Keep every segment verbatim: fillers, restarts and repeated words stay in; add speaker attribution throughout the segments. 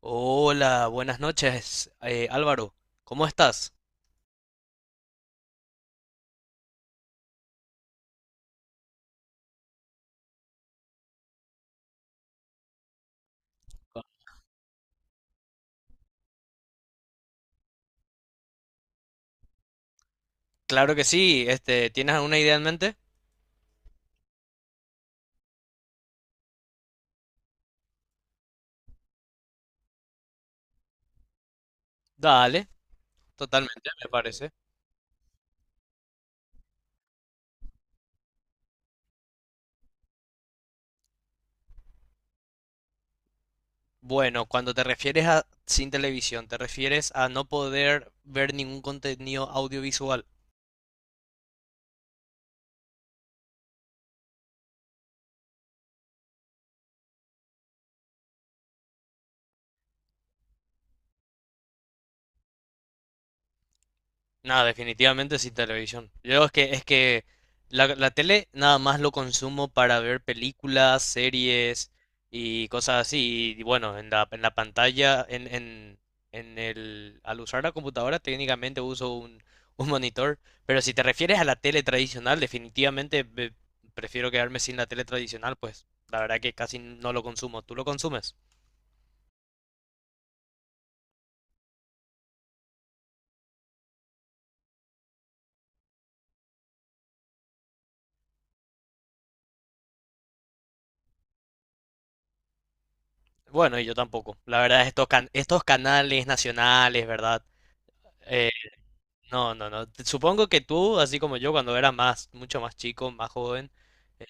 Speaker 1: Hola, buenas noches, eh, Álvaro. ¿Cómo estás? Claro que sí. Este, ¿tienes alguna idea en mente? Dale, totalmente, me parece. Bueno, cuando te refieres a sin televisión, ¿te refieres a no poder ver ningún contenido audiovisual? No, definitivamente sí televisión. Yo es que es que la, la tele nada más lo consumo para ver películas, series y cosas así. Y bueno, en la, en la pantalla, en, en, en el, al usar la computadora técnicamente uso un, un monitor. Pero si te refieres a la tele tradicional, definitivamente ve- prefiero quedarme sin la tele tradicional, pues la verdad que casi no lo consumo. ¿Tú lo consumes? Bueno, y yo tampoco. La verdad, estos, can- estos canales nacionales, ¿verdad? Eh, No, no, no. Te- Supongo que tú, así como yo, cuando era más, mucho más chico, más joven. eh,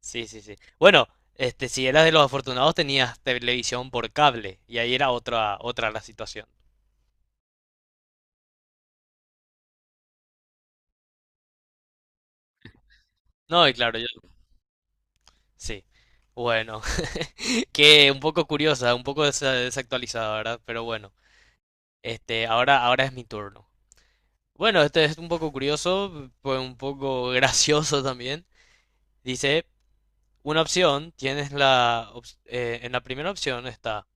Speaker 1: sí, sí, sí. Bueno, este, si eras de los afortunados, tenías televisión por cable. Y ahí era otra, otra la situación. No, y claro, yo. Sí. Bueno, que un poco curiosa, un poco desa- desactualizada, ¿verdad? Pero bueno, este, ahora, ahora es mi turno. Bueno, este es un poco curioso, pues un poco gracioso también. Dice, una opción, tienes la, ops- eh, en la primera opción está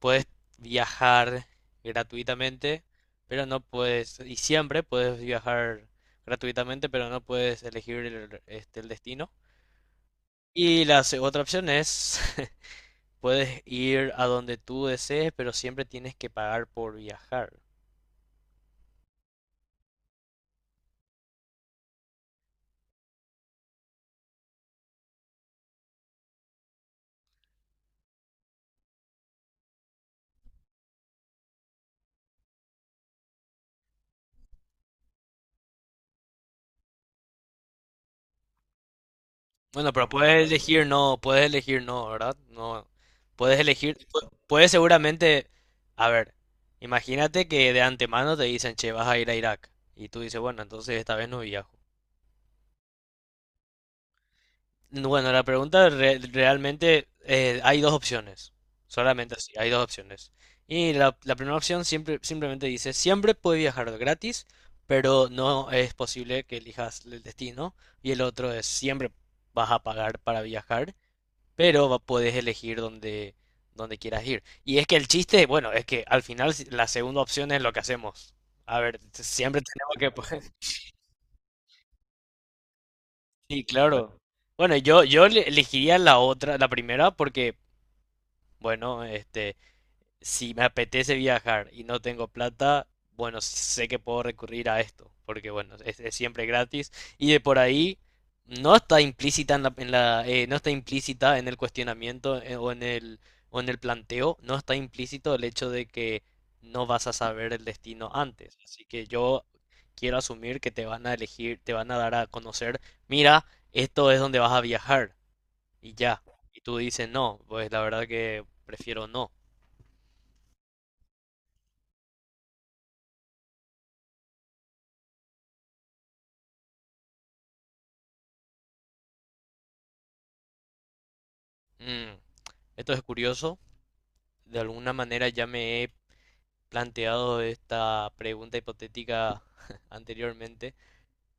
Speaker 1: puedes viajar gratuitamente, pero no puedes, y siempre puedes viajar gratuitamente, pero no puedes elegir el, este, el destino. Y la se- otra opción es, puedes ir a donde tú desees, pero siempre tienes que pagar por viajar. Bueno, pero puedes elegir no, puedes elegir no, ¿verdad? No, puedes elegir, pu- puedes seguramente, a ver, imagínate que de antemano te dicen, che, vas a ir a Irak. Y tú dices, bueno, entonces esta vez no viajo. Bueno, la pregunta re- realmente eh, hay dos opciones, solamente así, hay dos opciones. Y la, la primera opción siempre, simplemente dice, siempre puedes viajar gratis, pero no es posible que elijas el destino. Y el otro es, siempre vas a pagar para viajar, pero va- puedes elegir donde, donde quieras ir. Y es que el chiste, bueno, es que al final si- la segunda opción es lo que hacemos. A ver, siempre tenemos que... po- Sí, claro. Bueno, yo, yo le- elegiría la otra, la primera, porque... Bueno, este, si me apetece viajar y no tengo plata, bueno, sé que puedo recurrir a esto, porque bueno, es, es siempre gratis. Y de por ahí no está implícita en la, en la eh, no está implícita en el cuestionamiento eh, o en el o en el planteo, no está implícito el hecho de que no vas a saber el destino antes. Así que yo quiero asumir que te van a elegir, te van a dar a conocer, mira, esto es donde vas a viajar y ya. Y tú dices, no, pues la verdad que prefiero no. Mm, Esto es curioso. De alguna manera ya me he planteado esta pregunta hipotética anteriormente.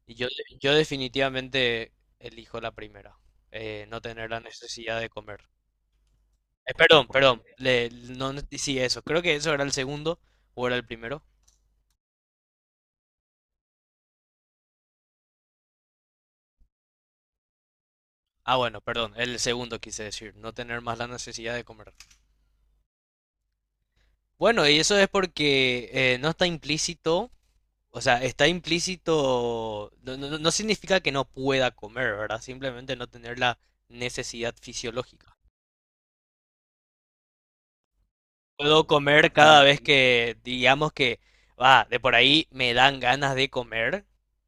Speaker 1: Y yo, yo definitivamente elijo la primera. Eh, no tener la necesidad de comer. Eh, perdón, perdón. Le- no, no- sí, eso. Creo que eso era el segundo o era el primero. Ah, bueno, perdón. El segundo quise decir. No tener más la necesidad de comer. Bueno, y eso es porque eh, no está implícito. O sea, está implícito, no, no- no no significa que no pueda comer, ¿verdad? Simplemente no tener la necesidad fisiológica. Puedo comer cada vez que, digamos que, va, de por ahí me dan ganas de comer,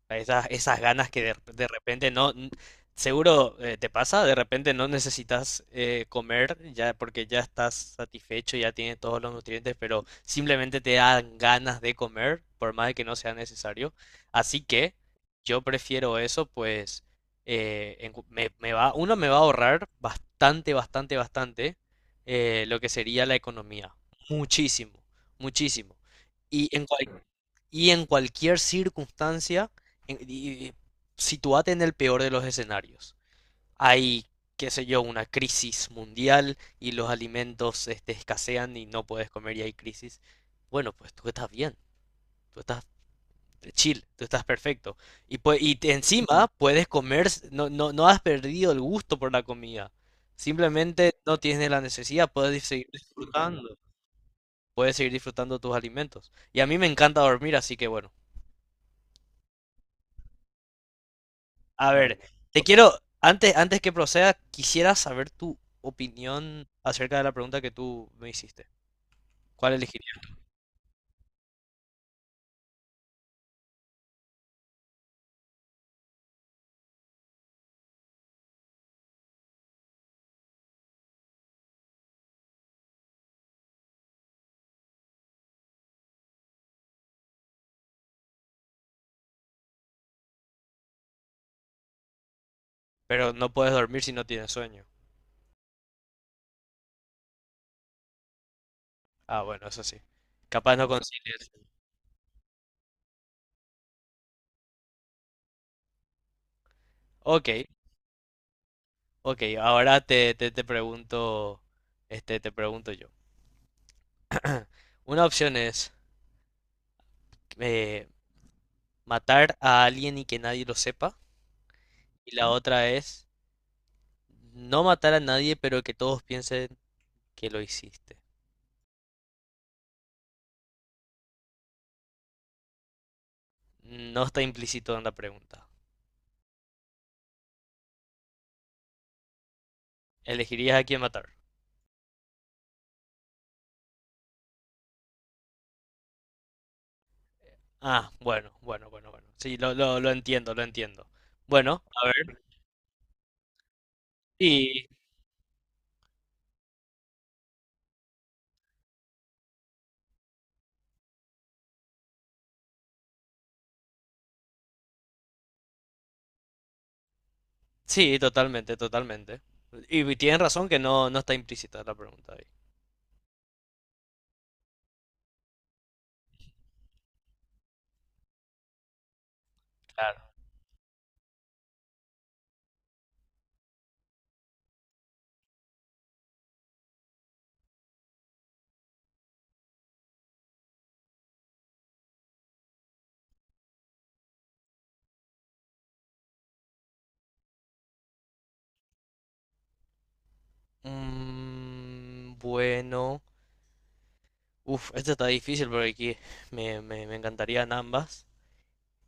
Speaker 1: a esas, esas ganas que de, de repente no, n- seguro eh, te pasa, de repente no necesitas eh, comer ya porque ya estás satisfecho, ya tienes todos los nutrientes, pero simplemente te dan ganas de comer, por más de que no sea necesario. Así que yo prefiero eso, pues eh, en cu- me, me va, uno me va a ahorrar bastante, bastante, bastante eh, lo que sería la economía. Muchísimo, muchísimo. Y en, cual- y en cualquier circunstancia, en- y- y- sitúate en el peor de los escenarios. Hay, qué sé yo, una crisis mundial y los alimentos este, escasean y no puedes comer y hay crisis. Bueno, pues tú estás bien, tú estás chill, tú estás perfecto. Y, pue- y te- encima puedes comer, s- no, no, no has perdido el gusto por la comida. Simplemente no tienes la necesidad, puedes seguir disfrutando puedes seguir disfrutando tus alimentos. Y a mí me encanta dormir, así que bueno. A ver, te quiero, antes, antes que proceda, quisiera saber tu opinión acerca de la pregunta que tú me hiciste. ¿Cuál elegirías? Pero no puedes dormir si no tienes sueño. Ah, bueno, eso sí. Capaz no concilies. Ok, ok. Ahora te, te, te pregunto, este, te pregunto yo. Una opción es eh, matar a alguien y que nadie lo sepa. Y la otra es no matar a nadie, pero que todos piensen que lo hiciste. No está implícito en la pregunta. ¿Elegirías a quién matar? Ah, bueno, bueno, bueno, bueno. Sí, lo, lo, lo entiendo, lo entiendo. Bueno, a ver. Y sí, totalmente, totalmente. Y, y tienen razón que no, no está implícita la pregunta ahí. Claro. Mm, bueno. Uf, esto está difícil porque aquí me, me, me encantarían ambas.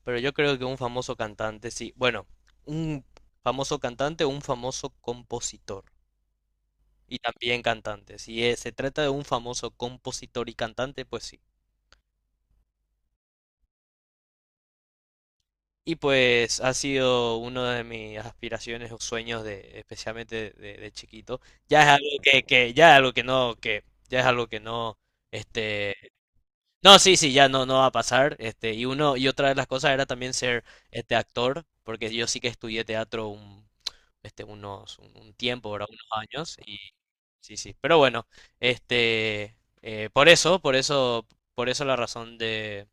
Speaker 1: Pero yo creo que un famoso cantante, sí. Bueno, un famoso cantante o un famoso compositor. Y también cantante. Si es- Se trata de un famoso compositor y cantante, pues sí. Y pues ha sido uno de mis aspiraciones o sueños de, especialmente de, de chiquito. Ya es algo que, que- ya es algo que no, que, ya es algo que no, este. No, sí, sí, ya no, no va a pasar. Este, y uno, y otra de las cosas era también ser este actor, porque yo sí que estudié teatro un, este, unos, un, un tiempo, ¿verdad? Unos años. Y sí, sí. Pero bueno, este, eh, por eso, por eso, por eso la razón de,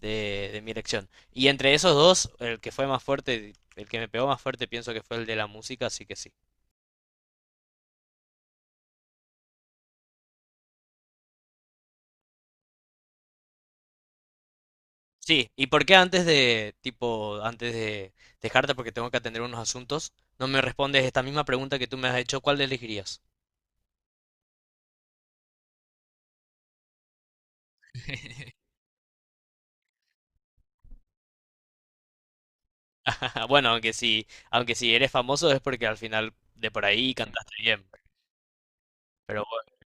Speaker 1: de, de mi elección. Y entre esos dos, el que fue más fuerte, el que me pegó más fuerte, pienso que fue el de la música, así que sí. Sí, ¿y por qué antes de, tipo, antes de dejarte porque tengo que atender unos asuntos, no me respondes esta misma pregunta que tú me has hecho, ¿cuál elegirías? Bueno, aunque si, aunque si eres famoso es porque al final de por ahí cantaste bien, pero bueno,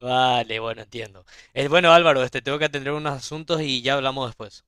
Speaker 1: vale, bueno, entiendo. Es bueno, Álvaro, este, tengo que atender unos asuntos y ya hablamos después.